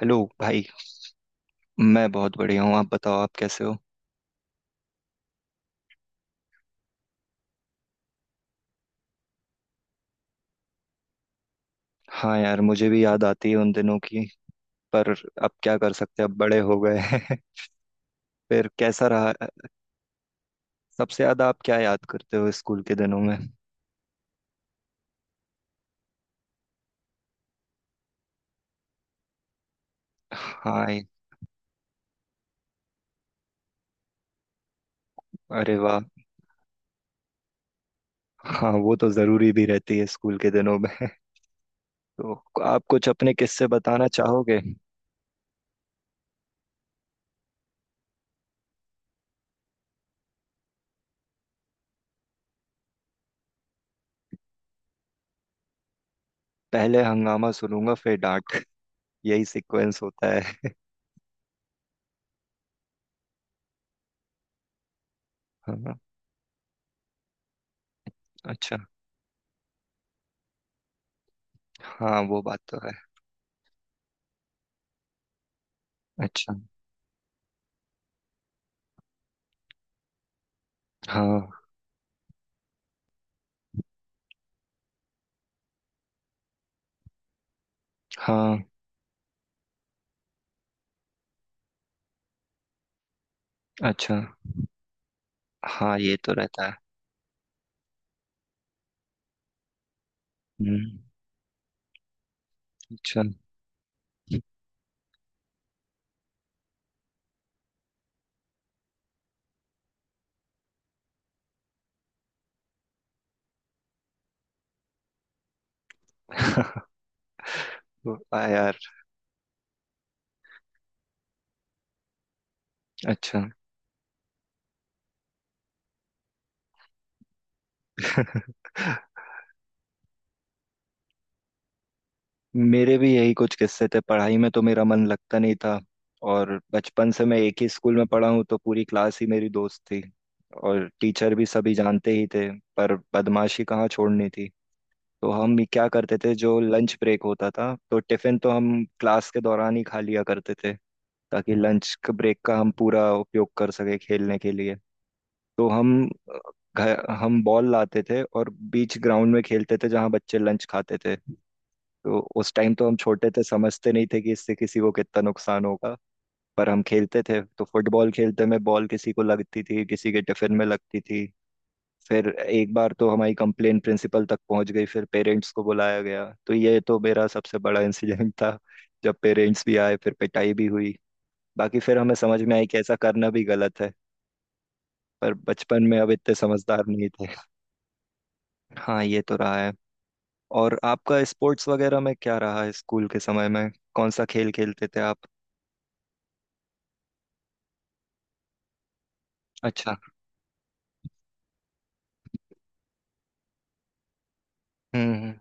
Hello भाई। मैं बहुत बढ़िया हूँ। आप बताओ आप कैसे हो? हाँ यार मुझे भी याद आती है उन दिनों की। पर अब क्या कर सकते हैं, अब बड़े हो गए हैं। फिर कैसा रहा? सबसे ज्यादा आप क्या याद करते हो स्कूल के दिनों में? हाँ ये- अरे वाह। हाँ वो तो जरूरी भी रहती है स्कूल के दिनों में। तो आप कुछ अपने किस्से बताना चाहोगे? पहले हंगामा सुनूंगा फिर डांट। यही सीक्वेंस होता है। हाँ। अच्छा। हाँ वो बात तो है। अच्छा। हाँ हाँ। अच्छा। हाँ ये तो रहता है। हम्म। अच्छा। आ यार। अच्छा। मेरे भी यही कुछ किस्से थे, पढ़ाई में तो मेरा मन लगता नहीं था। और बचपन से मैं एक ही स्कूल में पढ़ा हूँ, तो पूरी क्लास ही मेरी दोस्त थी। और टीचर भी सभी जानते ही थे। पर बदमाशी कहाँ छोड़नी थी। तो हम ये क्या करते थे, जो लंच ब्रेक होता था तो टिफिन तो हम क्लास के दौरान ही खा लिया करते थे। ताकि लंच ब्रेक का हम पूरा उपयोग कर सके खेलने के लिए। तो हम अ, घर हम बॉल लाते थे और बीच ग्राउंड में खेलते थे, जहाँ बच्चे लंच खाते थे। तो उस टाइम तो हम छोटे थे, समझते नहीं थे कि इससे किसी को कितना नुकसान होगा। पर हम खेलते थे, तो फुटबॉल खेलते में बॉल किसी को लगती थी, किसी के टिफिन में लगती थी। फिर एक बार तो हमारी कंप्लेन प्रिंसिपल तक पहुंच गई, फिर पेरेंट्स को बुलाया गया, तो ये तो मेरा सबसे बड़ा इंसिडेंट था। जब पेरेंट्स भी आए फिर पिटाई भी हुई। बाकी फिर हमें समझ में आई कि ऐसा करना भी गलत है। पर बचपन में अब इतने समझदार नहीं। हाँ ये तो रहा है। और आपका स्पोर्ट्स वगैरह में क्या रहा है स्कूल के समय में? कौन सा खेल खेलते थे आप? अच्छा। हम्म।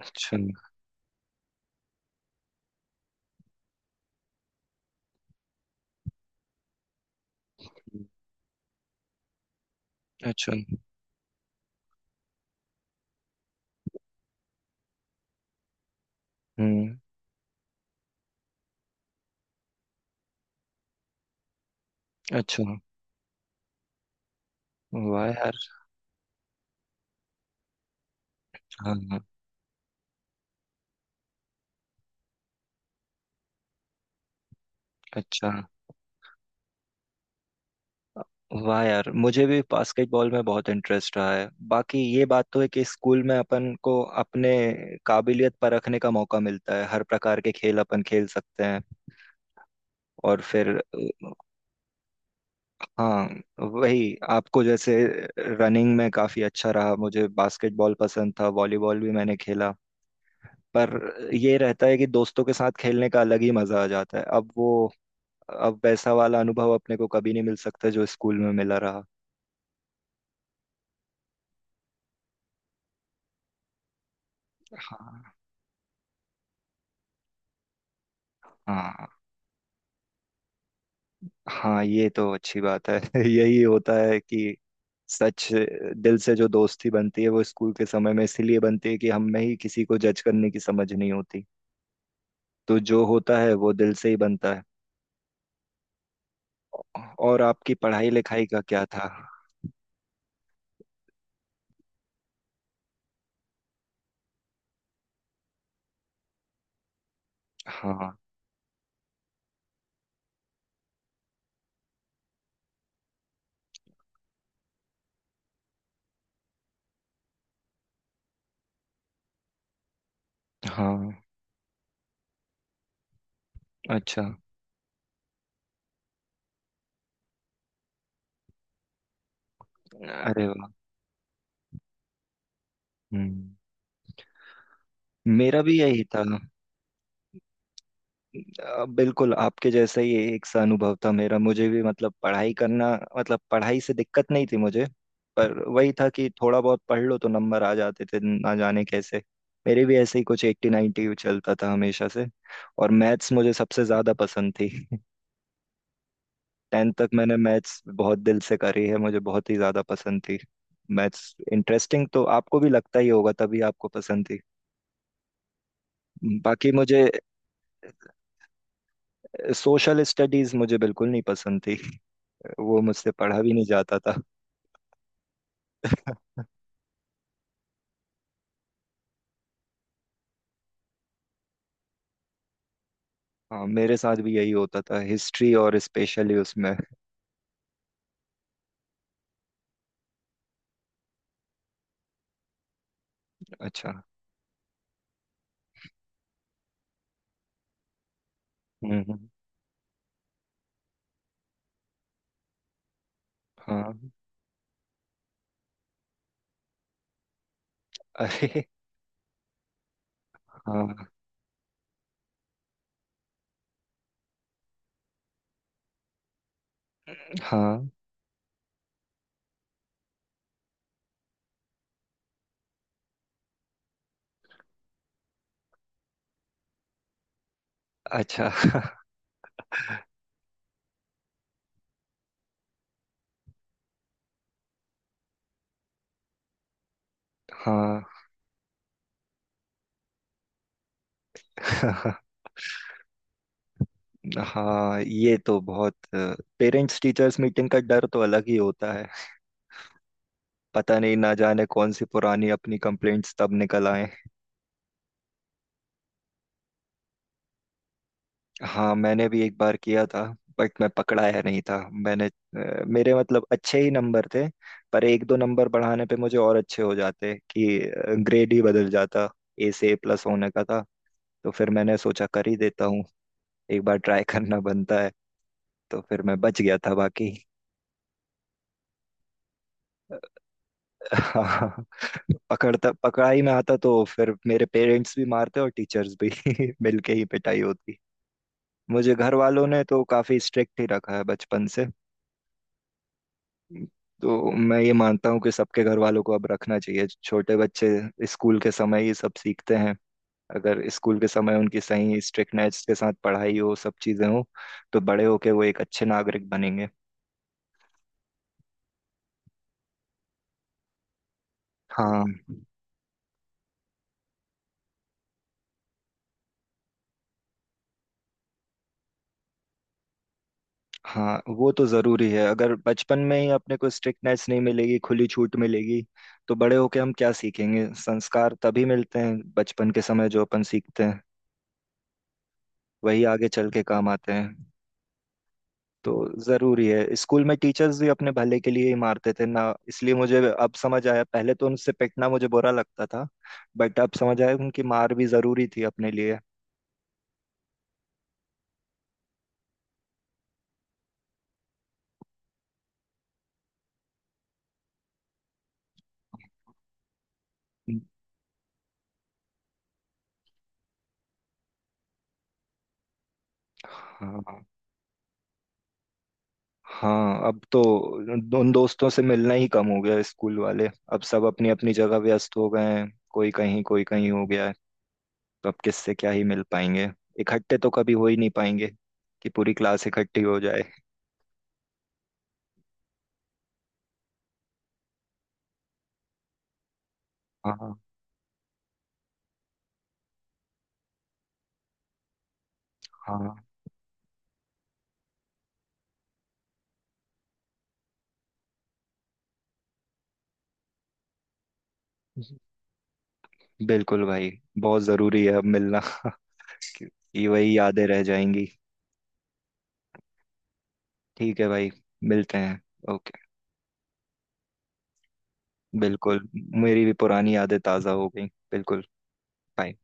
अच्छा। हम्म। अच्छा। हम्म। अच्छा। वाह यार। हाँ हाँ। अच्छा। वाह यार मुझे भी बास्केटबॉल में बहुत इंटरेस्ट रहा है। बाकी ये बात तो है कि स्कूल में अपन को अपने काबिलियत परखने का मौका मिलता है, हर प्रकार के खेल अपन खेल सकते हैं। और फिर हाँ वही आपको जैसे रनिंग में काफी अच्छा रहा, मुझे बास्केटबॉल पसंद था, वॉलीबॉल भी मैंने खेला। पर ये रहता है कि दोस्तों के साथ खेलने का अलग ही मजा आ जाता है। अब वो अब वैसा वाला अनुभव अपने को कभी नहीं मिल सकता जो स्कूल में मिला रहा। हाँ हाँ। हाँ ये तो अच्छी बात है। यही होता है कि सच, दिल से जो दोस्ती बनती है वो स्कूल के समय में इसलिए बनती है कि हम में ही किसी को जज करने की समझ नहीं होती। तो जो होता है वो दिल से ही बनता है। और आपकी पढ़ाई लिखाई का क्या था? हाँ हाँ। अच्छा। अरे वाह। हम्म। मेरा भी यही था। बिल्कुल आपके जैसा ही एक सा अनुभव था मेरा, मुझे भी मतलब पढ़ाई करना, मतलब पढ़ाई से दिक्कत नहीं थी मुझे। पर वही था कि थोड़ा बहुत पढ़ लो तो नंबर आ जाते थे, ना जाने कैसे। मेरे भी ऐसे ही कुछ एट्टी नाइन्टी चलता था हमेशा से। और मैथ्स मुझे सबसे ज्यादा पसंद थी। टेंथ तक मैंने मैथ्स बहुत दिल से करी है, मुझे बहुत ही ज़्यादा पसंद थी। मैथ्स इंटरेस्टिंग तो आपको भी लगता ही होगा तभी आपको पसंद थी। बाकी मुझे सोशल स्टडीज़ मुझे बिल्कुल नहीं पसंद थी, वो मुझसे पढ़ा भी नहीं जाता था। हाँ मेरे साथ भी यही होता था, हिस्ट्री और स्पेशली उसमें। अच्छा। हम्म। हाँ। अरे। हाँ हाँ। अच्छा। हाँ। हाँ ये तो बहुत पेरेंट्स टीचर्स मीटिंग का डर तो अलग ही होता है। पता नहीं ना जाने कौन सी पुरानी अपनी कंप्लेंट्स तब निकल आए। हाँ मैंने भी एक बार किया था। बट मैं पकड़ाया नहीं था। मैंने मेरे मतलब अच्छे ही नंबर थे। पर एक दो नंबर बढ़ाने पे मुझे और अच्छे हो जाते, कि ग्रेड ही बदल जाता। ए से ए प्लस होने का था, तो फिर मैंने सोचा कर ही देता हूँ। एक बार ट्राई करना बनता है। तो फिर मैं बच गया था बाकी। हाँ पकड़ता पकड़ाई में आता तो फिर मेरे पेरेंट्स भी मारते और टीचर्स भी मिलके ही पिटाई होती। मुझे घर वालों ने तो काफी स्ट्रिक्ट ही रखा है बचपन से। तो मैं ये मानता हूँ कि सबके घर वालों को अब रखना चाहिए छोटे बच्चे। स्कूल के समय ये सब सीखते हैं। अगर स्कूल के समय उनकी सही स्ट्रिक्टनेस के साथ पढ़ाई हो, सब चीजें हो, तो बड़े होके वो एक अच्छे नागरिक बनेंगे। हाँ। हाँ वो तो जरूरी है। अगर बचपन में ही अपने को स्ट्रिक्टनेस नहीं मिलेगी, खुली छूट मिलेगी, तो बड़े होके हम क्या सीखेंगे। संस्कार तभी मिलते हैं, बचपन के समय जो अपन सीखते हैं वही आगे चल के काम आते हैं। तो जरूरी है, स्कूल में टीचर्स भी अपने भले के लिए ही मारते थे ना, इसलिए मुझे अब समझ आया। पहले तो उनसे पिटना मुझे बुरा लगता था। बट अब समझ आया उनकी मार भी जरूरी थी अपने लिए। हाँ हाँ। अब तो उन उन दोस्तों से मिलना ही कम हो गया, स्कूल वाले अब सब अपनी अपनी जगह व्यस्त हो गए हैं। कोई कहीं हो गया है, तो अब किससे क्या ही मिल पाएंगे। इकट्ठे तो कभी हो ही नहीं पाएंगे कि पूरी क्लास इकट्ठी हो जाए। हाँ हाँ। बिल्कुल भाई। बहुत जरूरी है अब मिलना, क्योंकि वही यादें रह जाएंगी। ठीक है भाई। मिलते हैं। ओके। बिल्कुल। मेरी भी पुरानी यादें ताज़ा हो गई। बिल्कुल। बाय।